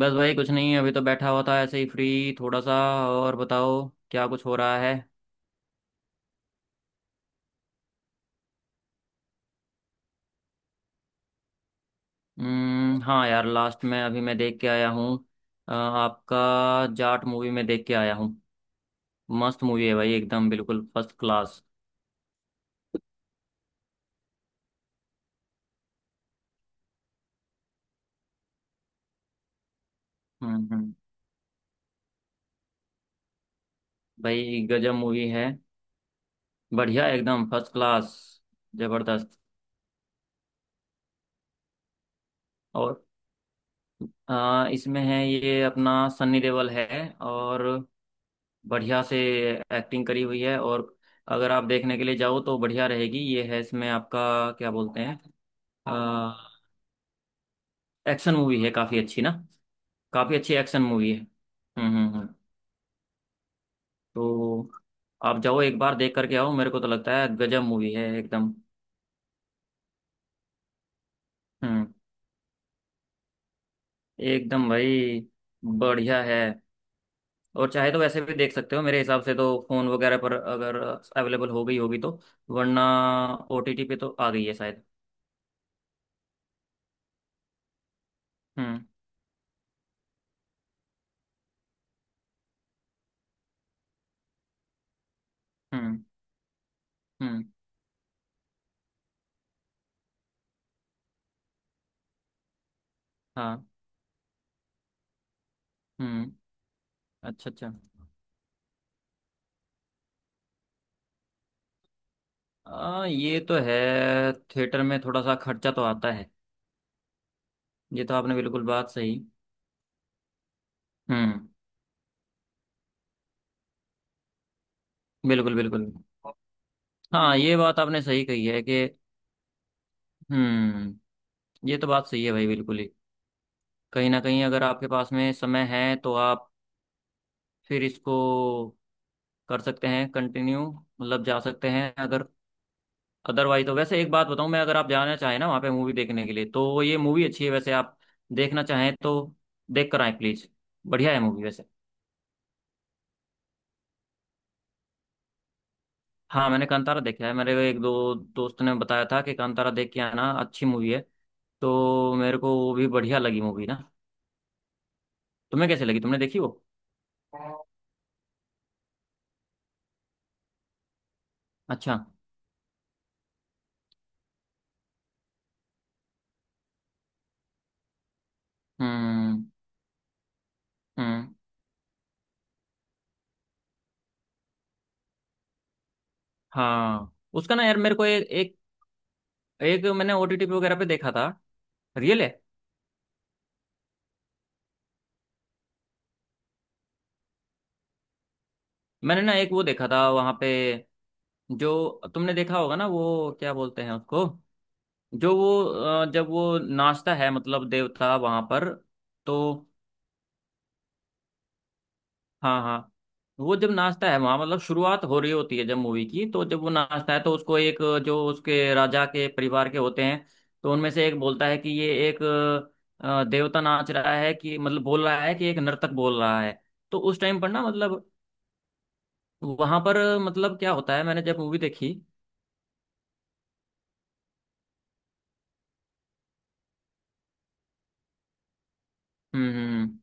बस भाई कुछ नहीं। अभी तो बैठा हुआ था ऐसे ही फ्री थोड़ा सा। और बताओ क्या कुछ हो रहा है। हम्म, हाँ यार, लास्ट में अभी मैं देख के आया हूँ। आपका जाट मूवी में देख के आया हूँ। मस्त मूवी है भाई, एकदम बिल्कुल फर्स्ट क्लास। हम्म। भाई गजब मूवी है। बढ़िया, एकदम फर्स्ट क्लास, जबरदस्त। और इसमें है ये अपना सन्नी देओल है, और बढ़िया से एक्टिंग करी हुई है। और अगर आप देखने के लिए जाओ तो बढ़िया रहेगी। ये है इसमें आपका, क्या बोलते हैं, एक्शन मूवी है काफ़ी अच्छी ना। काफ़ी अच्छी एक्शन मूवी है। हम्म। तो आप जाओ, एक बार देख करके आओ। मेरे को तो लगता है गजब मूवी है एकदम। हम्म, एकदम भाई, बढ़िया है। और चाहे तो वैसे भी देख सकते हो, मेरे हिसाब से तो फ़ोन वगैरह पर, अगर अवेलेबल हो गई होगी तो। वरना ओटीटी पे तो आ गई है शायद। हम्म हम्म हम्म। हाँ। हम्म। अच्छा अच्छा। ये तो है, थिएटर में थोड़ा सा खर्चा तो आता है। ये तो आपने बिल्कुल बात सही। हम्म। बिल्कुल बिल्कुल। हाँ ये बात आपने सही कही है कि। हम्म। ये तो बात सही है भाई, बिल्कुल ही। कहीं ना कहीं अगर आपके पास में समय है तो आप फिर इसको कर सकते हैं कंटिन्यू, मतलब जा सकते हैं अगर। अदरवाइज तो वैसे एक बात बताऊं मैं, अगर आप जाना चाहें ना वहाँ पे मूवी देखने के लिए तो ये मूवी अच्छी है वैसे। आप देखना चाहें तो देख कर आए प्लीज बढ़िया है मूवी वैसे। हाँ मैंने कांतारा देखा है। मेरे एक दो दोस्त ने बताया था कि कांतारा देख के आना, अच्छी मूवी है। तो मेरे को वो भी बढ़िया लगी मूवी ना। तुम्हें कैसे लगी, तुमने देखी वो? अच्छा। हम्म हम्म। हाँ उसका ना यार, मेरे को एक एक, एक मैंने ओटीटी वगैरह पे देखा था, रियल है। मैंने ना एक वो देखा था वहां पे, जो तुमने देखा होगा ना वो क्या बोलते हैं उसको, जो वो, जब वो नाचता है मतलब देवता वहां पर। तो, हाँ हाँ, वो जब नाचता है वहां, मतलब शुरुआत हो रही होती है जब मूवी की, तो जब वो नाचता है तो उसको एक, जो उसके राजा के परिवार के होते हैं, तो उनमें से एक बोलता है कि ये एक देवता नाच रहा है, कि मतलब बोल रहा है कि एक नर्तक बोल रहा है। तो उस टाइम पर ना, मतलब वहां पर मतलब क्या होता है मैंने जब मूवी देखी। हम्म हम्म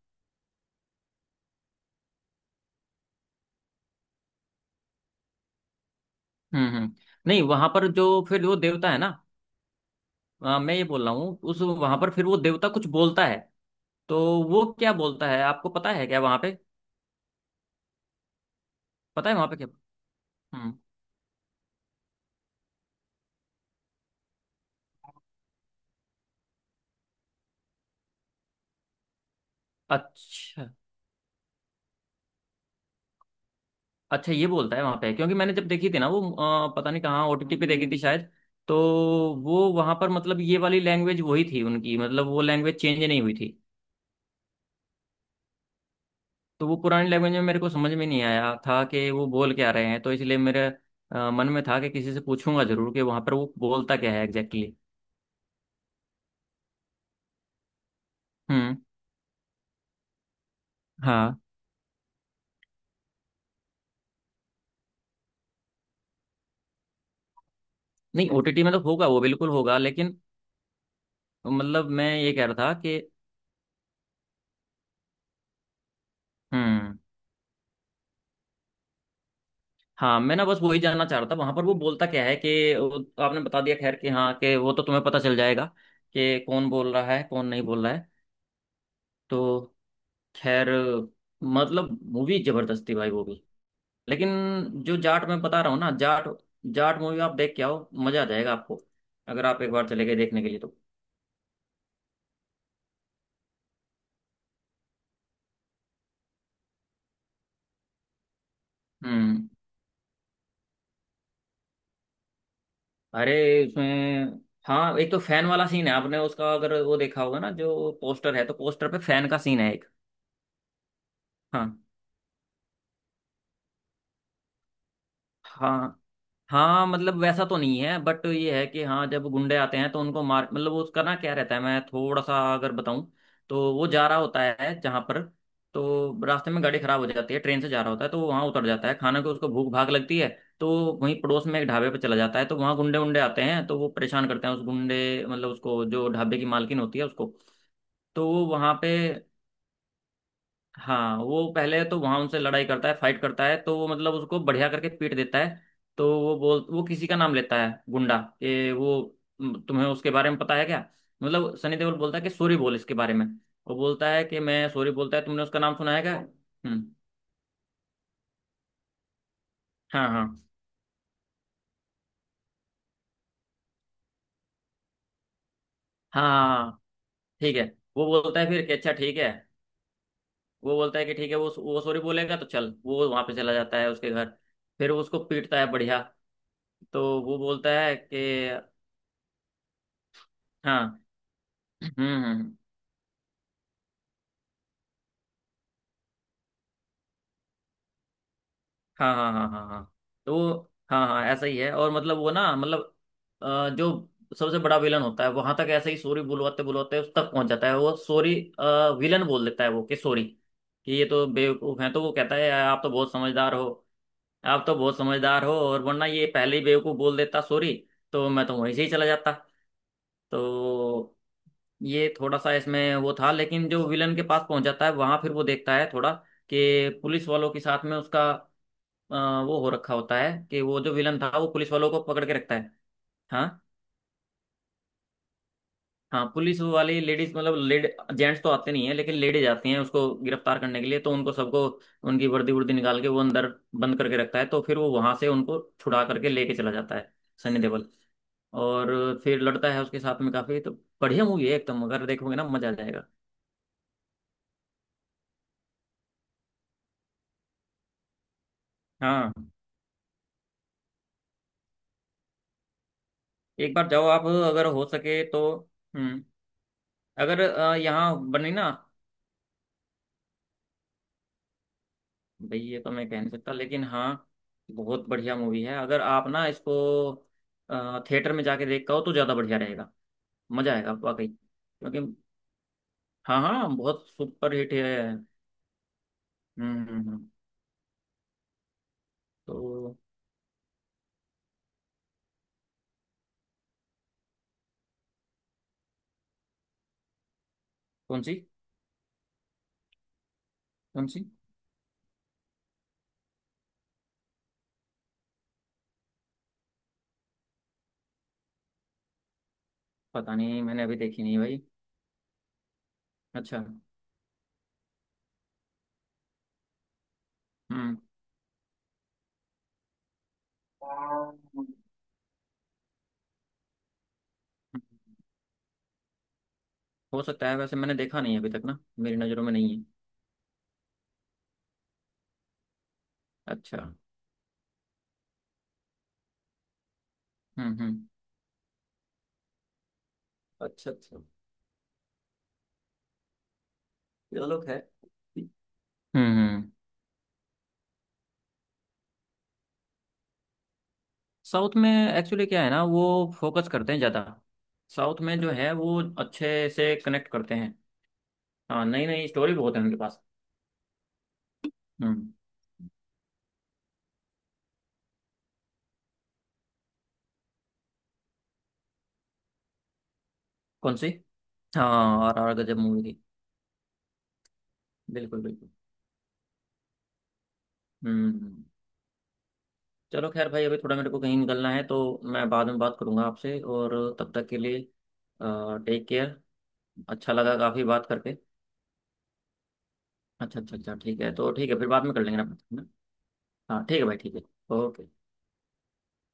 हम्म। हम्म। नहीं, वहां पर जो फिर वो देवता है ना, मैं ये बोल रहा हूँ, उस वहां पर फिर वो देवता कुछ बोलता है, तो वो क्या बोलता है आपको पता है क्या वहां पे? पता है वहां पे क्या। हम्म। अच्छा अच्छा, ये बोलता है वहां पे। क्योंकि मैंने जब देखी थी ना वो, पता नहीं कहाँ ओटीटी पे देखी थी शायद। तो वो वहां पर मतलब ये वाली लैंग्वेज वही थी उनकी, मतलब वो लैंग्वेज चेंज नहीं हुई थी। तो वो पुरानी लैंग्वेज में मेरे को समझ में नहीं आया था कि वो बोल क्या रहे हैं। तो इसलिए मेरे मन में था कि किसी से पूछूंगा जरूर कि वहां पर वो बोलता क्या है, एग्जैक्टली exactly. हम्म। हाँ, नहीं ओटीटी में तो होगा वो, बिल्कुल होगा, लेकिन मतलब मैं ये कह रहा था कि। हम्म। हाँ मैं ना बस वही जानना चाह रहा था वहां पर वो बोलता क्या है कि। आपने बता दिया खैर, कि हाँ कि वो तो तुम्हें पता चल जाएगा कि कौन बोल रहा है कौन नहीं बोल रहा है तो। खैर, मतलब मूवी जबरदस्त थी भाई वो भी, लेकिन जो जाट मैं बता रहा हूँ ना, जाट, जाट मूवी आप देख के आओ, मजा आ जाएगा आपको अगर आप एक बार चले गए देखने के लिए तो। हम्म। अरे उसमें, हाँ एक तो फैन वाला सीन है। आपने उसका अगर वो देखा होगा ना, जो पोस्टर है, तो पोस्टर पे फैन का सीन है एक। हाँ हाँ हाँ, मतलब वैसा तो नहीं है, बट ये है कि हाँ, जब गुंडे आते हैं तो उनको मार, मतलब वो उसका ना क्या रहता है, मैं थोड़ा सा अगर बताऊं। तो वो जा रहा होता है जहाँ पर, तो रास्ते में गाड़ी खराब हो जाती है, ट्रेन से जा रहा होता है, तो वो वहाँ उतर जाता है। खाना को उसको भूख भाग लगती है, तो वहीं पड़ोस में एक ढाबे पर चला जाता है। तो वहाँ गुंडे उंडे आते हैं, तो वो परेशान करते हैं उस गुंडे, मतलब उसको, जो ढाबे की मालकिन होती है उसको। तो वो वहाँ पे, हाँ, वो पहले तो वहां उनसे लड़ाई करता है, फाइट करता है, तो वो मतलब उसको बढ़िया करके पीट देता है। तो वो बोल, वो किसी का नाम लेता है गुंडा, कि वो, "म, तुम्हें उसके बारे में पता है क्या। मतलब सनी देओल बोलता है कि सॉरी बोल इसके बारे में। वो बोलता है कि मैं, सॉरी बोलता है तुमने उसका नाम सुना है क्या। हम्म। हाँ हाँ हाँ, हाँ, हाँ, ठीक है। वो बोलता है फिर कि अच्छा ठीक है। वो बोलता है कि ठीक है, वो सॉरी बोलेगा तो चल। वो वहां पे चला जाता है उसके घर, फिर वो उसको पीटता है बढ़िया। तो वो बोलता है कि हाँ। हम्म। हाँ हाँ हाँ हाँ हाँ। तो हाँ हाँ, ऐसा ही है। और मतलब वो ना, मतलब जो सबसे बड़ा विलन होता है वहां तक ऐसे ही सॉरी बुलवाते बुलवाते उस तक पहुंच जाता है। वो सॉरी, विलन बोल देता है वो, कि सॉरी, कि ये तो बेवकूफ है, तो वो कहता है आप तो बहुत समझदार हो। आप तो बहुत समझदार हो, और वरना ये पहले ही बेवकूफ बोल देता सॉरी, तो मैं तो वहीं से ही चला जाता। तो ये थोड़ा सा इसमें वो था। लेकिन जो विलन के पास पहुंच जाता है वहां, फिर वो देखता है थोड़ा, कि पुलिस वालों के साथ में उसका अ, वो हो रखा होता है, कि वो जो विलन था वो पुलिस वालों को पकड़ के रखता है। हाँ हाँ, पुलिस वाली लेडीज, मतलब लेड, जेंट्स तो आते नहीं है लेकिन लेडीज आती हैं उसको गिरफ्तार करने के लिए, तो उनको सबको उनकी वर्दी वर्दी निकाल के वो अंदर बंद करके रखता है। तो फिर वो वहां से उनको छुड़ा करके लेके चला जाता है सनी देओल। और फिर लड़ता है उसके साथ में काफी। तो बढ़िया मूवी है एकदम, अगर देखोगे ना मजा आ जाएगा। हाँ एक बार जाओ आप, अगर हो सके तो। हम्म। अगर यहाँ बनी ना। भाई ये तो मैं कह नहीं सकता, लेकिन हाँ, बहुत बढ़िया मूवी है। अगर आप ना इसको थिएटर में जाके देख हो तो ज़्यादा बढ़िया रहेगा। मज़ा आएगा वाकई क्योंकि। हाँ हाँ, बहुत सुपर हिट है। हम्म, हम्म। तो। कौन सी? कौन सी? पता नहीं, मैंने अभी देखी नहीं भाई। अच्छा। हम्म। हो सकता है, वैसे मैंने देखा नहीं है अभी तक ना, मेरी नज़रों में नहीं है। अच्छा। हम्म। अच्छा अच्छा। चलो खैर। हम्म हम्म। साउथ में एक्चुअली क्या है ना वो, फोकस करते हैं ज़्यादा। साउथ में जो है वो अच्छे से कनेक्ट करते हैं। हाँ नई नई स्टोरी बहुत है उनके पास। हम्म। कौन सी? हाँ RRR गजब मूवी थी। बिल्कुल बिल्कुल। हम्म। चलो खैर भाई, अभी थोड़ा मेरे को कहीं निकलना है तो मैं बाद में बात करूंगा आपसे। और तब तक के लिए टेक केयर, अच्छा लगा काफ़ी बात करके। अच्छा अच्छा अच्छा ठीक है, तो ठीक है फिर बाद में कर लेंगे ना। हाँ ठीक है भाई, ठीक है। ओके।